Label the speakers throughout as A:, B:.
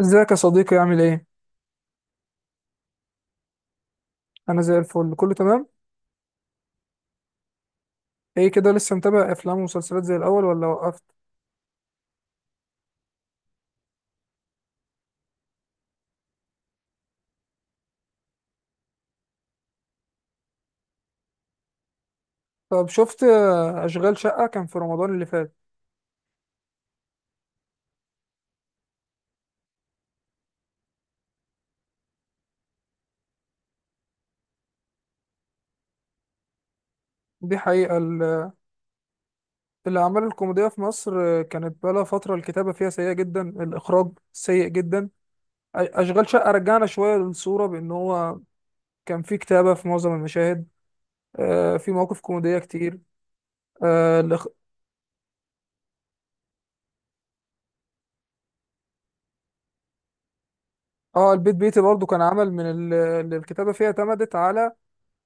A: ازيك يا صديقي؟ عامل ايه؟ انا زي الفل، كله تمام؟ ايه كده، لسه متابع افلام ومسلسلات زي الاول ولا وقفت؟ طب شفت اشغال شقة؟ كان في رمضان اللي فات. دي حقيقة ال- الاعمال الكوميدية في مصر كانت بقالها فترة الكتابة فيها سيئة جدا، الاخراج سيء جدا. اشغال شقة رجعنا شوية للصورة، بان هو كان في كتابة في معظم المشاهد، في مواقف كوميدية كتير. اه الإخ- البيت بيتي برضو كان عمل من اللي الكتابة فيها اعتمدت على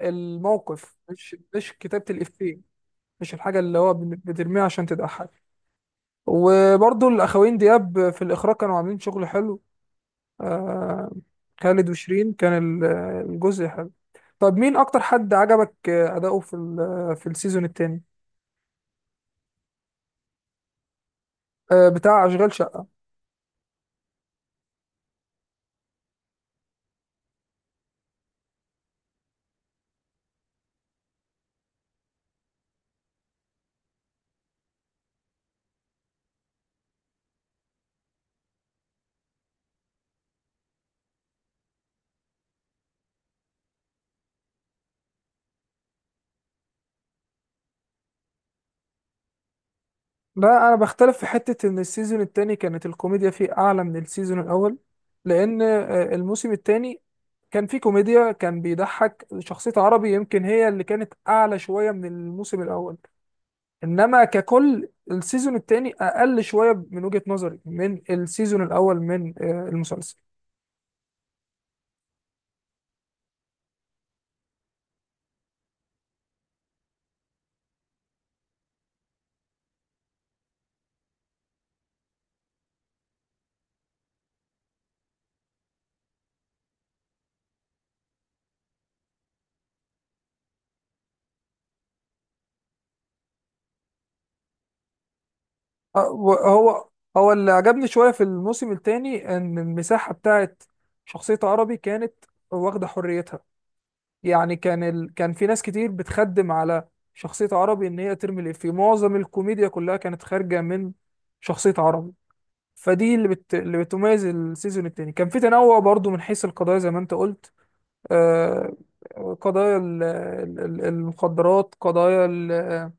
A: الموقف، مش كتابة الإفيه، مش الحاجة اللي هو بترميها عشان تضحك. وبرضو الأخوين دياب في الإخراج كانوا عاملين شغل حلو، آه. خالد وشيرين كان ال- الجزء حلو. طب مين أكتر حد عجبك أداؤه في في السيزون التاني؟ آه بتاع أشغال شقة. لا أنا بختلف في حتة إن السيزون التاني كانت الكوميديا فيه أعلى من السيزون الأول، لأن الموسم التاني كان فيه كوميديا، كان بيضحك. شخصية عربي يمكن هي اللي كانت أعلى شوية من الموسم الأول، انما ككل السيزون الثاني اقل شويه من وجهه نظري من السيزون الاول، من المسلسل. آه، هو هو اللي عجبني شويه في الموسم الثاني ان المساحه بتاعت شخصيه عربي كانت واخده حريتها. يعني كان ال... كان في ناس كتير بتخدم على شخصيه عربي، ان هي ترمي الإفيه. معظم الكوميديا كلها كانت خارجه من شخصيه عربي. فدي اللي بت... اللي بتميز السيزون الثاني، كان في تنوع برضو من حيث القضايا زي ما انت قلت. آه، قضايا المخدرات، قضايا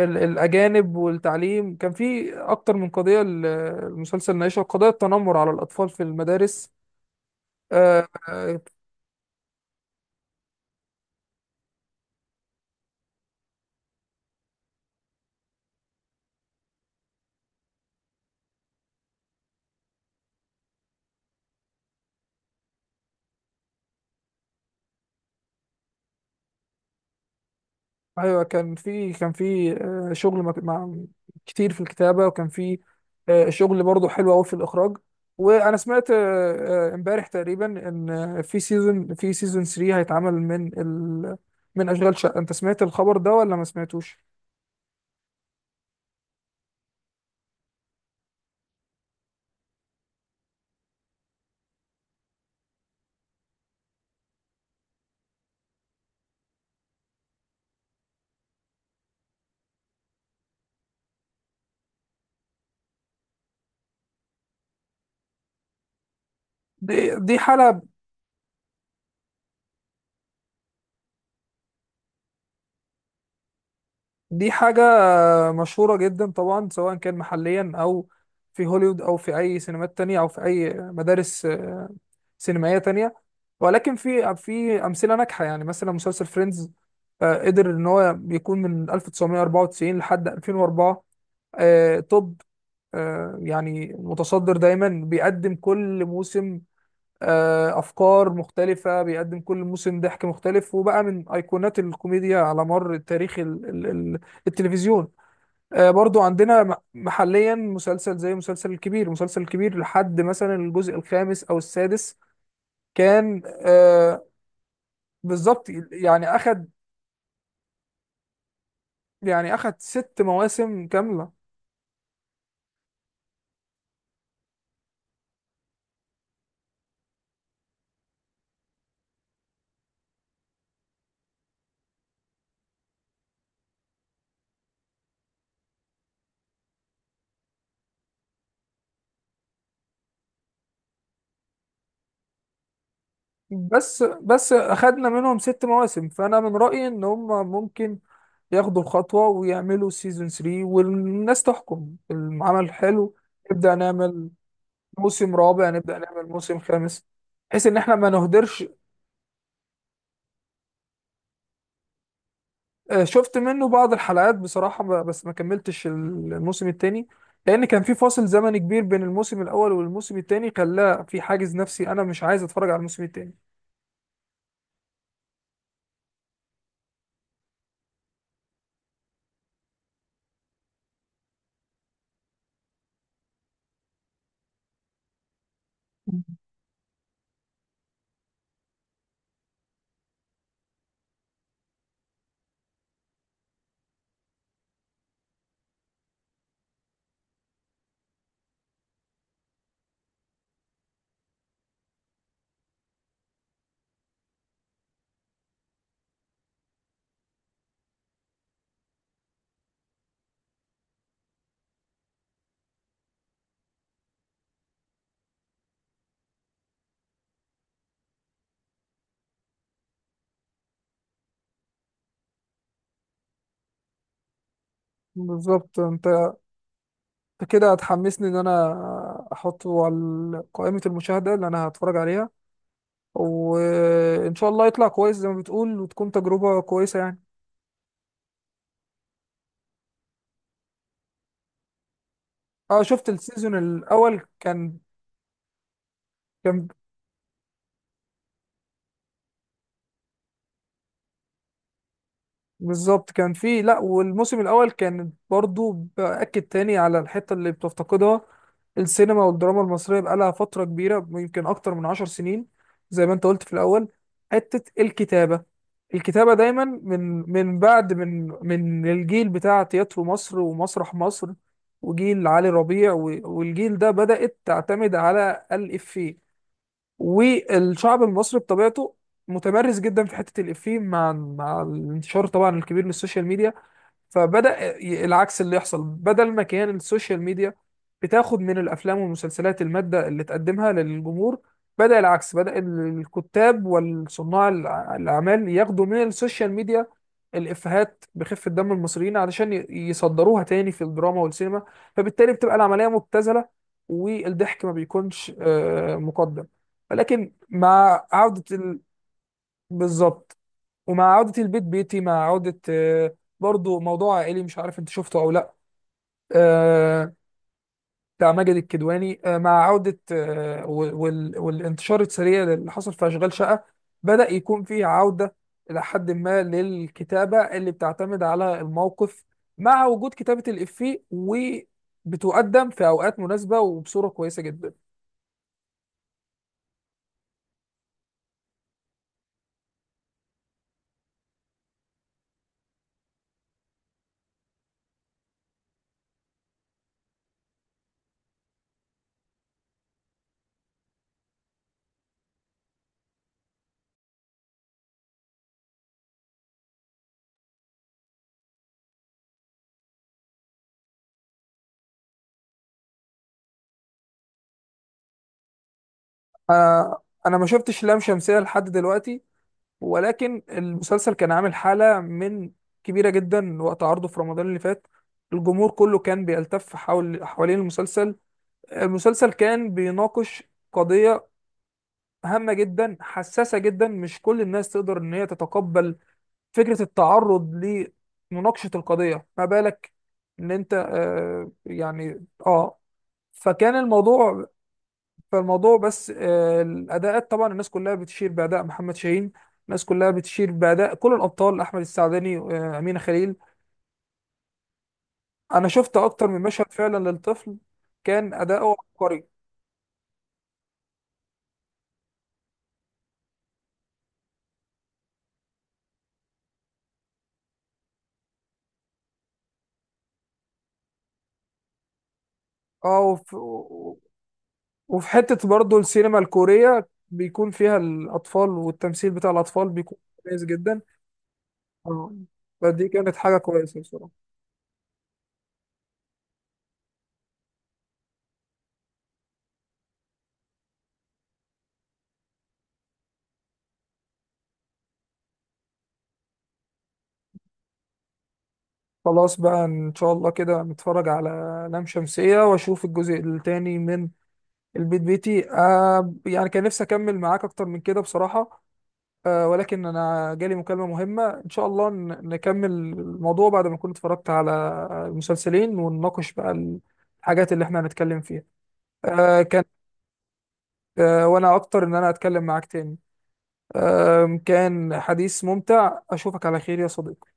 A: ال- الأجانب والتعليم، كان في أكتر من قضية المسلسل ناقشها، قضايا التنمر على الأطفال في المدارس. آه، آه، أيوة كان في شغل مع كتير في الكتابة، وكان في شغل برضه حلو أوي في الإخراج. وأنا سمعت امبارح تقريبا إن في سيزون 3 هيتعمل من من أشغال شقة. أنت سمعت الخبر ده ولا ما سمعتوش؟ دي حالة، دي حاجة مشهورة جدا طبعا، سواء كان محليا أو في هوليوود أو في أي سينمات تانية أو في أي مدارس سينمائية تانية. ولكن في أمثلة ناجحة، يعني مثلا مسلسل فريندز قدر إن هو بيكون من 1994 لحد 2004، توب، يعني متصدر دايما، بيقدم كل موسم افكار مختلفه، بيقدم كل موسم ضحك مختلف، وبقى من ايقونات الكوميديا على مر تاريخ ال ال ال التلفزيون. برضو عندنا محليا مسلسل زي مسلسل الكبير. مسلسل الكبير لحد مثلا الجزء الخامس او السادس كان بالظبط. يعني اخد يعني اخد ست مواسم كامله. بس اخدنا منهم ست مواسم، فانا من رأيي ان هم ممكن ياخدوا الخطوة ويعملوا سيزون 3، والناس تحكم العمل حلو، نبدأ نعمل موسم رابع، نبدأ نعمل موسم خامس، بحيث ان احنا ما نهدرش. شفت منه بعض الحلقات بصراحة، بس ما كملتش الموسم التاني، لان كان في فاصل زمني كبير بين الموسم الاول والموسم التاني، خلاه في حاجز نفسي، انا مش عايز اتفرج على الموسم التاني. بالظبط. انت كده هتحمسني ان انا احطه على قائمة المشاهدة اللي انا هتفرج عليها، وان شاء الله يطلع كويس زي ما بتقول، وتكون تجربة كويسة يعني. اه شفت السيزون الاول. كان بالظبط. كان في، لا، والموسم الاول كان برضو باكد تاني على الحته اللي بتفتقدها السينما والدراما المصريه، بقالها فتره كبيره يمكن اكتر من عشر سنين، زي ما انت قلت في الاول. حته الكتابه، الكتابه دايما من بعد من الجيل بتاع تياترو مصر ومسرح مصر وجيل علي ربيع والجيل ده بدات تعتمد على الافيه. والشعب المصري بطبيعته متمرس جدا في حته الافيه، مع الانتشار طبعا الكبير للسوشيال ميديا. فبدأ العكس اللي يحصل، بدل ما كان السوشيال ميديا بتاخد من الأفلام والمسلسلات المادة اللي تقدمها للجمهور، بدأ العكس، بدأ الكتاب والصناع الأعمال ياخدوا من السوشيال ميديا الإفيهات بخفة دم المصريين، علشان يصدروها تاني في الدراما والسينما. فبالتالي بتبقى العملية مبتذلة، والضحك ما بيكونش مقدم. ولكن مع عودة ال... بالظبط. ومع عودة البيت بيتي، مع عودة برضو موضوع عائلي، مش عارف انت شفته او لا، آه، بتاع ماجد الكدواني، مع عودة والانتشار السريع اللي حصل في أشغال شقة، بدأ يكون فيه عودة إلى حد ما للكتابة اللي بتعتمد على الموقف، مع وجود كتابة الإفيه، وبتقدم في أوقات مناسبة وبصورة كويسة جدا. أنا ما شفتش لام شمسية لحد دلوقتي، ولكن المسلسل كان عامل حالة من كبيرة جدا وقت عرضه في رمضان اللي فات. الجمهور كله كان بيلتف حول حوالين المسلسل. المسلسل كان بيناقش قضية هامة جدا، حساسة جدا، مش كل الناس تقدر ان هي تتقبل فكرة التعرض لمناقشة القضية. ما بالك ان انت فكان الموضوع، فالموضوع بس. الاداءات طبعا، الناس كلها بتشير باداء محمد شاهين، الناس كلها بتشير باداء كل الابطال، احمد السعداني، امينه خليل. انا شفت اكتر من مشهد فعلا للطفل، كان اداؤه عبقري. اه وف- وفي حته برضه السينما الكوريه بيكون فيها الاطفال، والتمثيل بتاع الاطفال بيكون كويس جدا. اه، فدي كانت حاجه كويسه بصراحه. خلاص بقى ان شاء الله كده نتفرج على لام شمسيه واشوف الجزء الثاني من البيت بيتي. آه يعني كان نفسي اكمل معاك اكتر من كده بصراحة، آه ولكن انا جالي مكالمة مهمة. ان شاء الله نكمل الموضوع بعد ما كنت اتفرجت على المسلسلين، ونناقش بقى الحاجات اللي احنا هنتكلم فيها. آه كان، وانا اكتر ان انا اتكلم معاك تاني. آه كان حديث ممتع. اشوفك على خير يا صديقي.